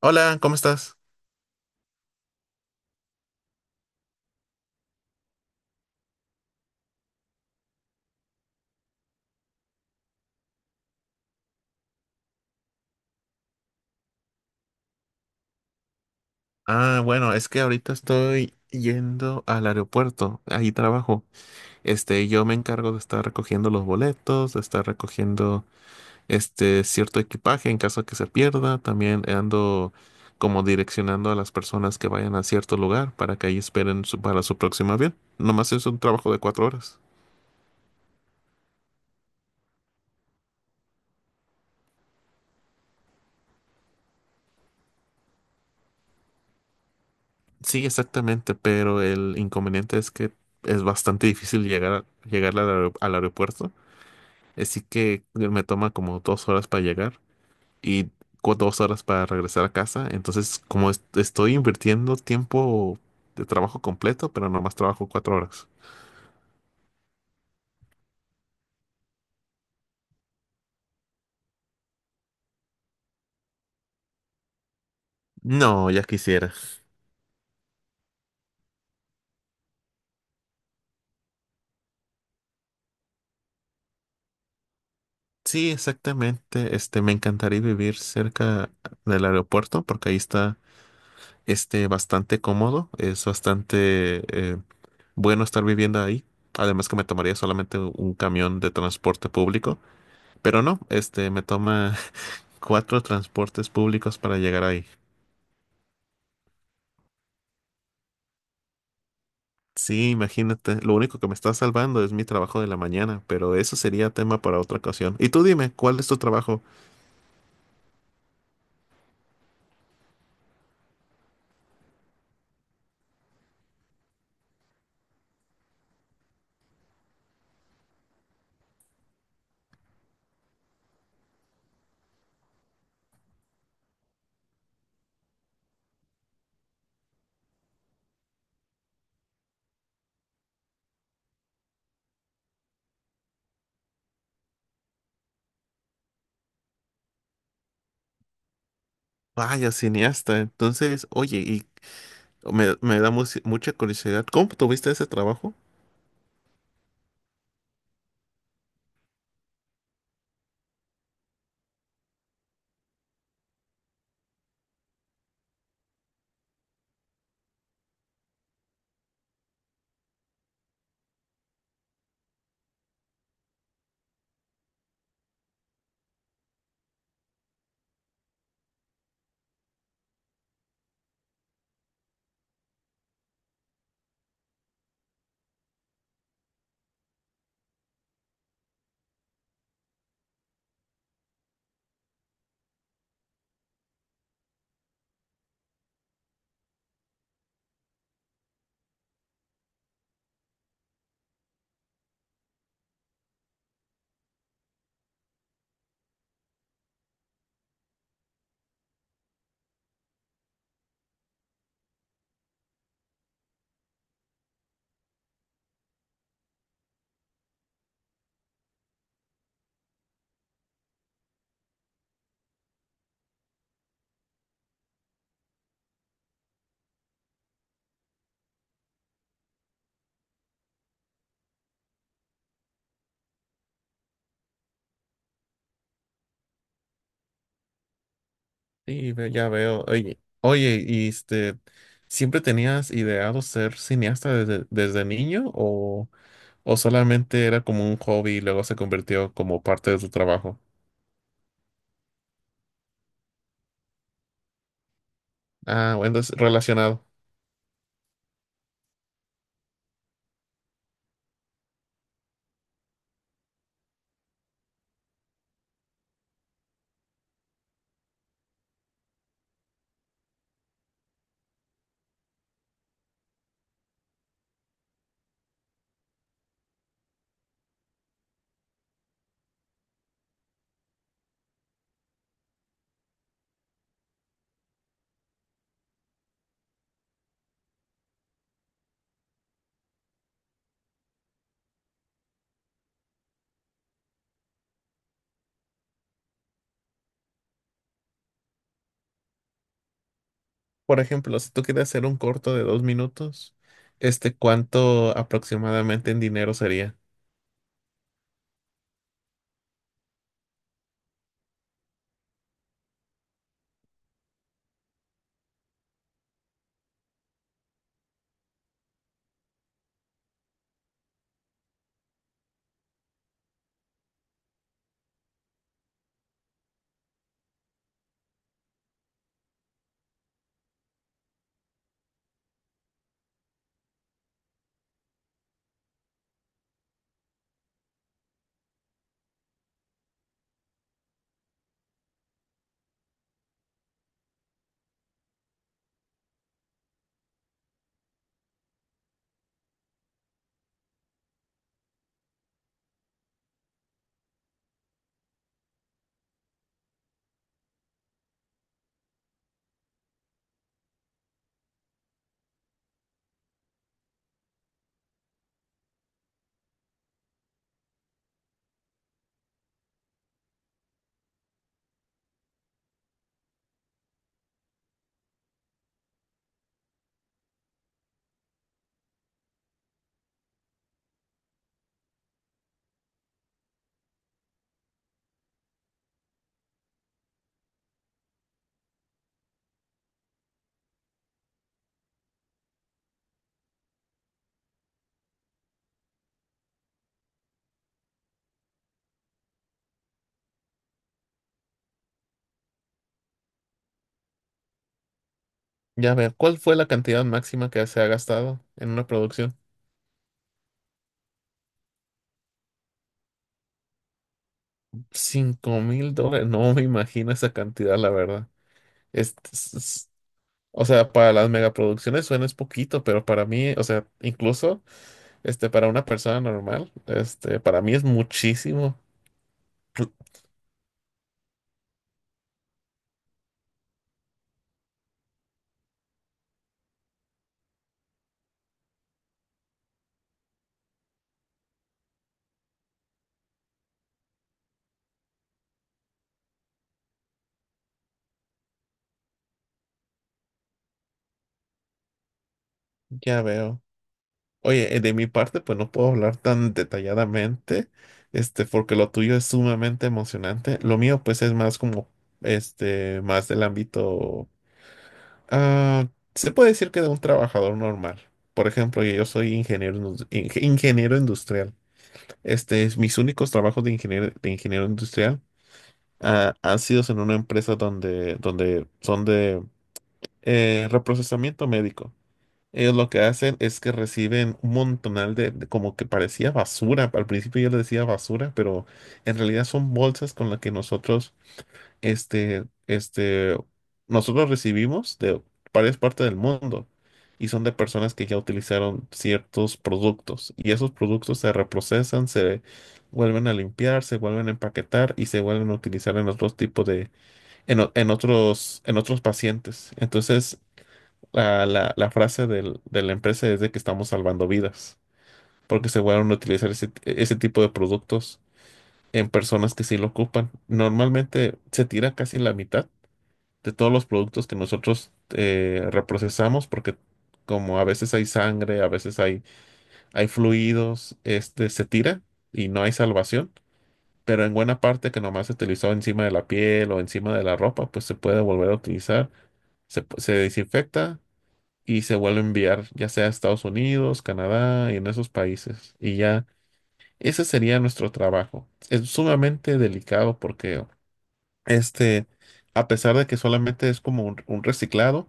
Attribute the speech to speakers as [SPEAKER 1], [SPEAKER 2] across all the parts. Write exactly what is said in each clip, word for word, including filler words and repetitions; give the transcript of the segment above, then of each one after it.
[SPEAKER 1] Hola, ¿cómo estás? Ah, bueno, es que ahorita estoy yendo al aeropuerto, ahí trabajo. Este, yo me encargo de estar recogiendo los boletos, de estar recogiendo este cierto equipaje en caso que se pierda. También ando como direccionando a las personas que vayan a cierto lugar para que ahí esperen su- para su próximo avión. Nomás es un trabajo de cuatro horas. Sí, exactamente, pero el inconveniente es que es bastante difícil llegar, a- llegar al aer- al aeropuerto. Así que me toma como dos horas para llegar y cu- dos horas para regresar a casa. Entonces, como est- estoy invirtiendo tiempo de trabajo completo, pero nomás trabajo cuatro horas. No, ya quisiera. Sí, exactamente. Este, me encantaría vivir cerca del aeropuerto porque ahí está este, bastante cómodo. Es bastante eh, bueno estar viviendo ahí. Además que me tomaría solamente un camión de transporte público. Pero no, este, me toma cuatro transportes públicos para llegar ahí. Sí, imagínate, lo único que me está salvando es mi trabajo de la mañana, pero eso sería tema para otra ocasión. Y tú dime, ¿cuál es tu trabajo? Vaya, cineasta. Entonces, oye, y me, me da mu- mucha curiosidad, ¿cómo tuviste ese trabajo? Sí, ve- ya veo. Oye, oye, y este, ¿siempre tenías ideado ser cineasta desde, desde niño o, o solamente era como un hobby y luego se convirtió como parte de tu trabajo? Ah, bueno, es relacionado. Por ejemplo, si tú quieres hacer un corto de dos minutos, este, ¿cuánto aproximadamente en dinero sería? Ya ver, ¿cuál fue la cantidad máxima que se ha gastado en una producción? Cinco mil dólares. No me imagino esa cantidad, la verdad. Es- es- es- o sea, para las megaproducciones suena es poquito, pero para mí, o sea, incluso este, para una persona normal, este, para mí es muchísimo. Cl- Ya veo. Oye, eh, de mi parte, pues no puedo hablar tan detalladamente, este, porque lo tuyo es sumamente emocionante. Lo mío, pues, es más como este, más del ámbito, ah, se puede decir que de un trabajador normal. Por ejemplo, yo soy ingeniero, indus- inge- ingeniero industrial. Este es mis únicos trabajos de ingeniero, de ingeniero industrial ah, han sido en una empresa donde, donde son de eh, reprocesamiento médico. Ellos lo que hacen es que reciben un montonal de, de como que parecía basura. Al principio yo le decía basura, pero en realidad son bolsas con las que nosotros, este, este, nosotros recibimos de varias partes del mundo y son de personas que ya utilizaron ciertos productos y esos productos se reprocesan, se vuelven a limpiar, se vuelven a empaquetar y se vuelven a utilizar en otros tipos de, en, o- en otros, en otros pacientes. Entonces, la, la, la frase del- de la empresa es de que estamos salvando vidas, porque se van a utilizar ese, ese tipo de productos en personas que sí lo ocupan. Normalmente se tira casi la mitad de todos los productos que nosotros eh, reprocesamos, porque como a veces hay sangre, a veces hay, hay fluidos, este, se tira y no hay salvación, pero en buena parte que nomás se utilizó encima de la piel o encima de la ropa, pues se puede volver a utilizar, se, se desinfecta y se vuelve a enviar, ya sea a Estados Unidos, Canadá y en esos países. Y ya, ese sería nuestro trabajo. Es sumamente delicado porque, este, a pesar de que solamente es como un, un reciclado,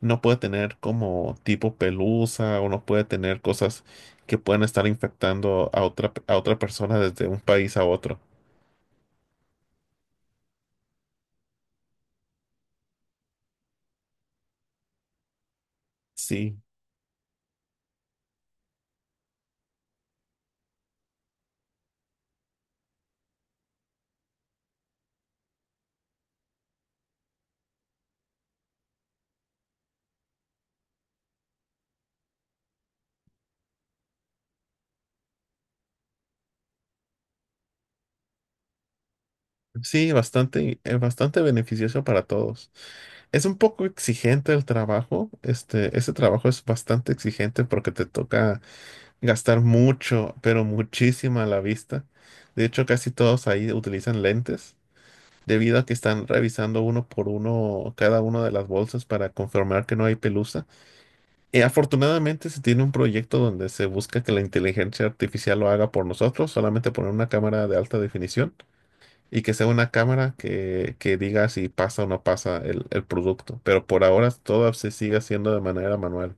[SPEAKER 1] no puede tener como tipo pelusa o no puede tener cosas que pueden estar infectando a otra, a otra persona desde un país a otro. Sí, sí, bastante, es bastante beneficioso para todos. Es un poco exigente el trabajo. Este, ese trabajo es bastante exigente porque te toca gastar mucho, pero muchísima la vista. De hecho, casi todos ahí utilizan lentes, debido a que están revisando uno por uno cada una de las bolsas para confirmar que no hay pelusa. Y afortunadamente se tiene un proyecto donde se busca que la inteligencia artificial lo haga por nosotros, solamente poner una cámara de alta definición y que sea una cámara que, que diga si pasa o no pasa el, el producto. Pero por ahora todo se sigue haciendo de manera manual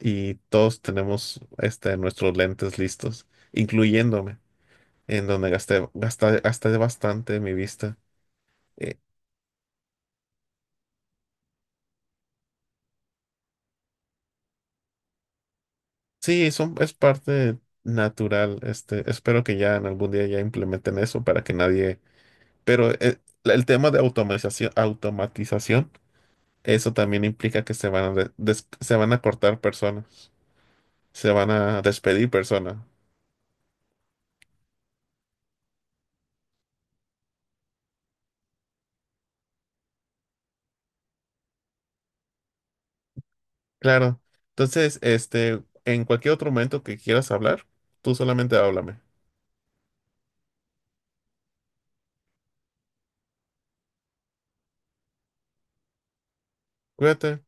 [SPEAKER 1] y todos tenemos este, nuestros lentes listos, incluyéndome, en donde gasté, gasté, gasté bastante mi vista. Eh, sí, son, es parte natural. Este, espero que ya en algún día ya implementen eso para que nadie... Pero eh, la- el tema de automatización, automatización, eso también implica que se van a, des- des- se van a cortar personas. Se van a despedir persona. Claro. Entonces, este, en cualquier otro momento que quieras hablar, tú solamente háblame. Cuídate.